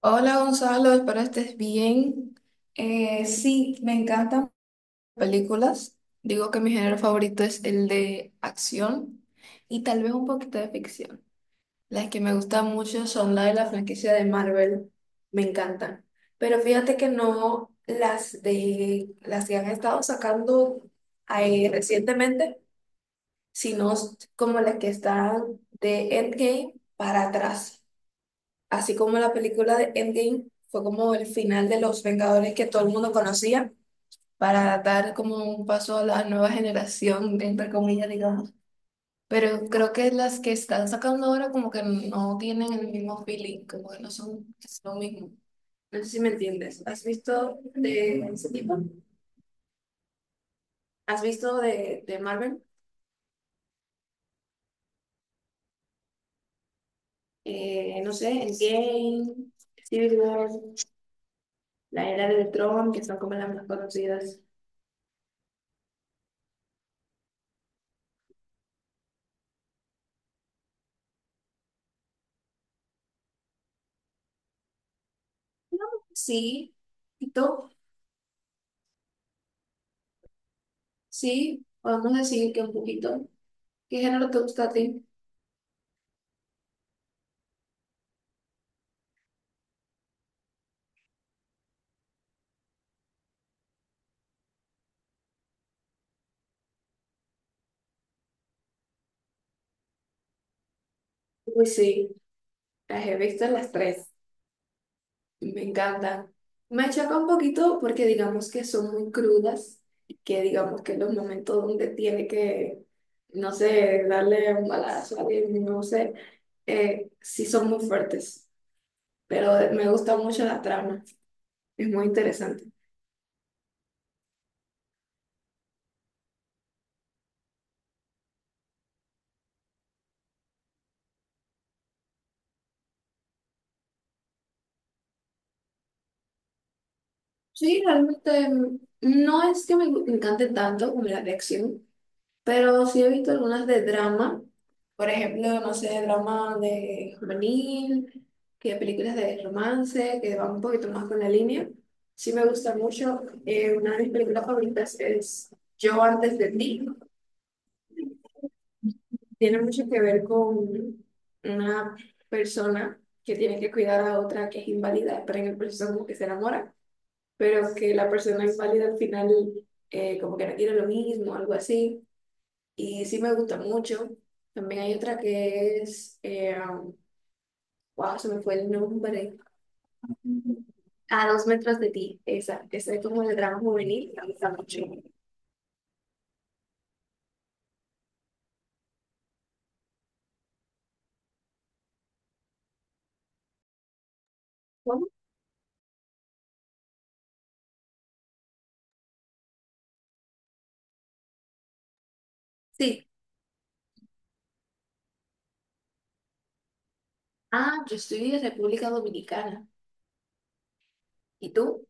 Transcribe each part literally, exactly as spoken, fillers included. Hola Gonzalo, espero estés bien. Eh, sí, me encantan películas. Digo que mi género favorito es el de acción y tal vez un poquito de ficción. Las que me gustan mucho son las de la franquicia de Marvel, me encantan. Pero fíjate que no las de las que han estado sacando ahí recientemente, sino como las que están de Endgame para atrás. Así como la película de Endgame fue como el final de Los Vengadores que todo el mundo conocía, para dar como un paso a la nueva generación, entre comillas, digamos. Pero creo que las que están sacando ahora como que no tienen el mismo feeling, como que no son es lo mismo. No sé si me entiendes. ¿Has visto de ese tipo? ¿Has visto de, de Marvel? Eh, no sé, Endgame, Civil War, la era de Tron, que son como las más conocidas. Sí. ¿Y tú? Sí, podemos decir que un poquito. ¿Qué género te gusta a ti? Uy, sí, las he visto las tres. Me encantan. Me choca un poquito porque digamos que son muy crudas, que digamos que los momentos donde tiene que, no sé, darle un balazo a alguien, no sé, eh, sí son muy fuertes, pero me gusta mucho la trama, es muy interesante. Sí, realmente mm, no es que me gu- me encante tanto como la de acción, pero sí he visto algunas de drama, por ejemplo, no sé, drama de juvenil, que películas de romance, que van un poquito más con la línea. Sí me gusta mucho. Eh, una de mis películas favoritas es Yo antes de ti. Tiene mucho que ver con una persona que tiene que cuidar a otra que es inválida, pero en el proceso como que se enamora, pero que la persona inválida al final eh, como que no quiere lo mismo, algo así. Y sí me gusta mucho. También hay otra que es, eh, wow, se me fue el nombre. A dos metros de ti. Esa, esa es como de drama juvenil. Me gusta mucho. ¿Cómo? Sí. Ah, yo estoy de República Dominicana. ¿Y tú?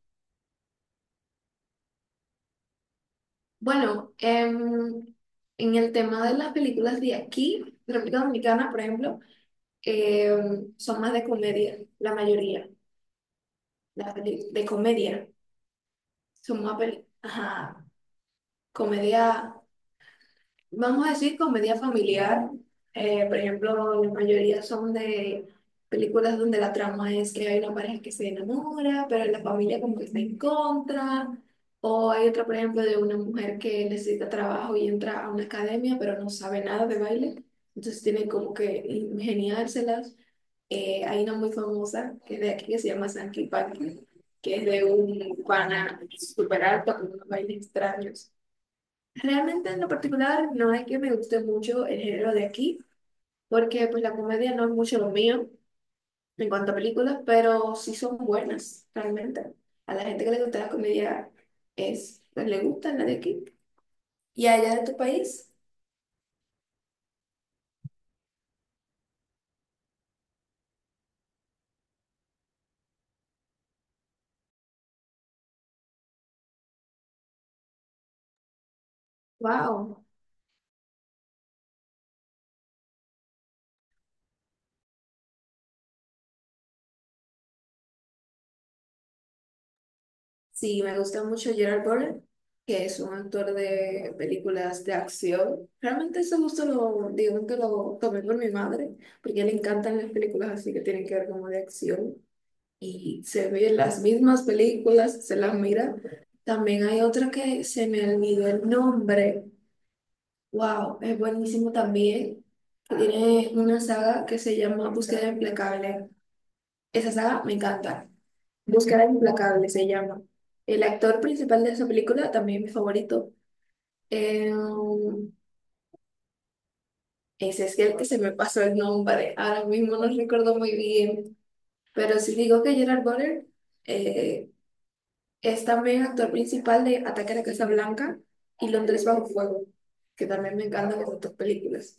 Bueno, em, en el tema de las películas de aquí, de República Dominicana, por ejemplo, em, son más de comedia, la mayoría. Las peli- de comedia. Son más peli- ajá, comedia. Vamos a decir comedia familiar. Eh, por ejemplo, la mayoría son de películas donde la trama es que hay una pareja que se enamora, pero la familia como que está en contra. O hay otra, por ejemplo, de una mujer que necesita trabajo y entra a una academia, pero no sabe nada de baile. Entonces tiene como que ingeniárselas. Eh, hay una muy famosa que es de aquí que se llama Sankey Panky, que es de un pana super alto con unos bailes extraños. Realmente en lo particular no es que me guste mucho el género de aquí, porque pues la comedia no es mucho lo mío en cuanto a películas, pero sí son buenas realmente. A la gente que le gusta la comedia es, pues, le gusta la de aquí. Y allá de tu país, wow, sí, me gusta mucho Gerard Butler, que es un actor de películas de acción. Realmente ese gusto lo, digo que lo tomé por mi madre, porque a él le encantan las películas así que tienen que ver como de acción. Y se ve las mismas películas, se las mira. También hay otra que se me olvidó el nombre. Wow, es buenísimo también. Que tiene una saga que se llama Búsqueda Implacable. Esa saga me encanta. Búsqueda Implacable se llama. El actor principal de esa película, también mi favorito. eh, um, Ese es el que se me pasó el nombre. Ahora mismo no recuerdo muy bien. Pero si digo que Gerard Butler, eh, es también actor principal de Ataque a la Casa Blanca y Londres bajo fuego, que también me encantan esas dos películas.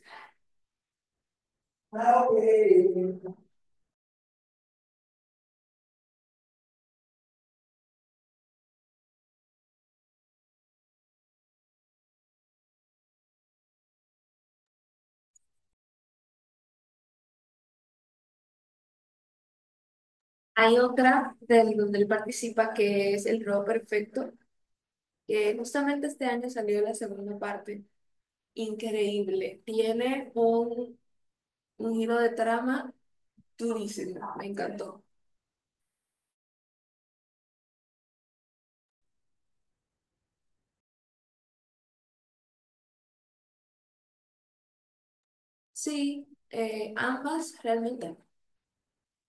Hay otra del donde él participa que es El Robo Perfecto, que justamente este año salió la segunda parte. Increíble. Tiene un, un giro de trama durísimo. Me encantó. Sí, eh, ambas realmente.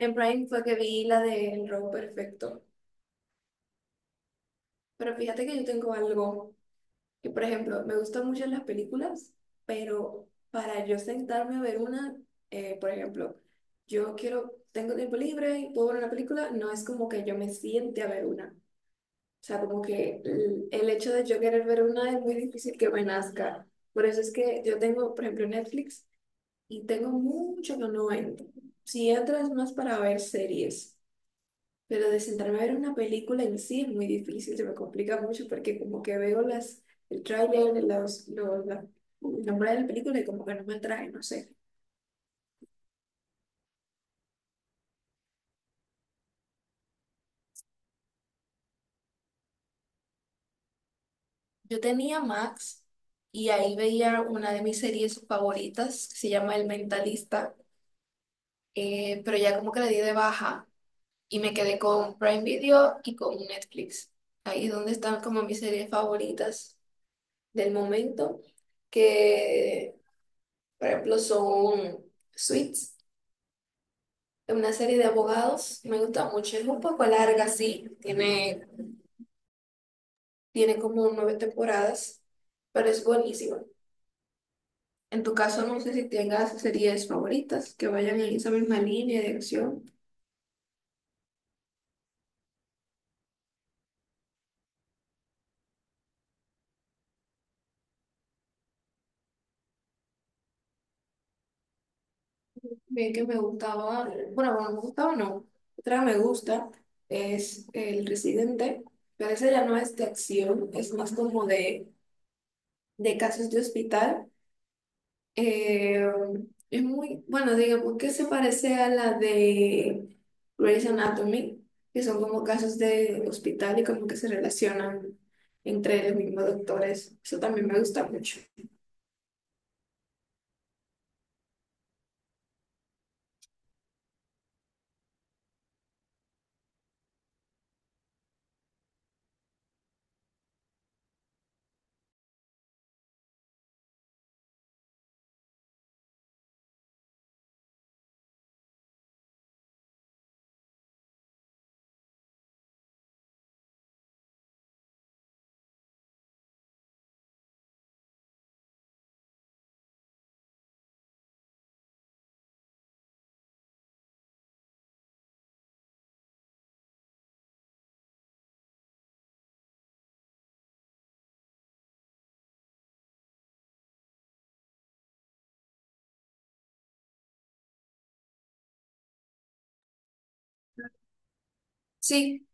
En Prime fue que vi la de El Robo Perfecto. Pero fíjate que yo tengo algo que, por ejemplo, me gustan mucho las películas, pero para yo sentarme a ver una, eh, por ejemplo, yo quiero, tengo tiempo libre y puedo ver una película, no es como que yo me siente a ver una. O sea, como que el, el hecho de yo querer ver una es muy difícil que me nazca. Por eso es que yo tengo, por ejemplo, Netflix y tengo mucho que no entro. Si entro es más para ver series. Pero de sentarme a ver una película en sí es muy difícil, se me complica mucho porque como que veo las, el tráiler, los, los, la- el nombre de la película y como que no me atrae no sé. Yo tenía Max y ahí veía una de mis series favoritas que se llama El Mentalista, eh, pero ya como que la di de baja y me quedé con Prime Video y con Netflix. Ahí es donde están como mis series favoritas del momento, que por ejemplo son Suits, una serie de abogados. Me gusta mucho. Es un poco larga, sí. Tiene, tiene como nueve temporadas, pero es buenísima. En tu caso, no sé si tengas series favoritas que vayan en esa misma línea de acción. Bien que me gustaba, bueno, bueno, me gustaba no. Otra me gusta es El Residente, pero esa ya no es de acción, es más como de, de casos de hospital. Eh, es muy, bueno, digamos que se parece a la de Grey's Anatomy, que son como casos de hospital y como que se relacionan entre los mismos doctores. Eso también me gusta mucho. Sí,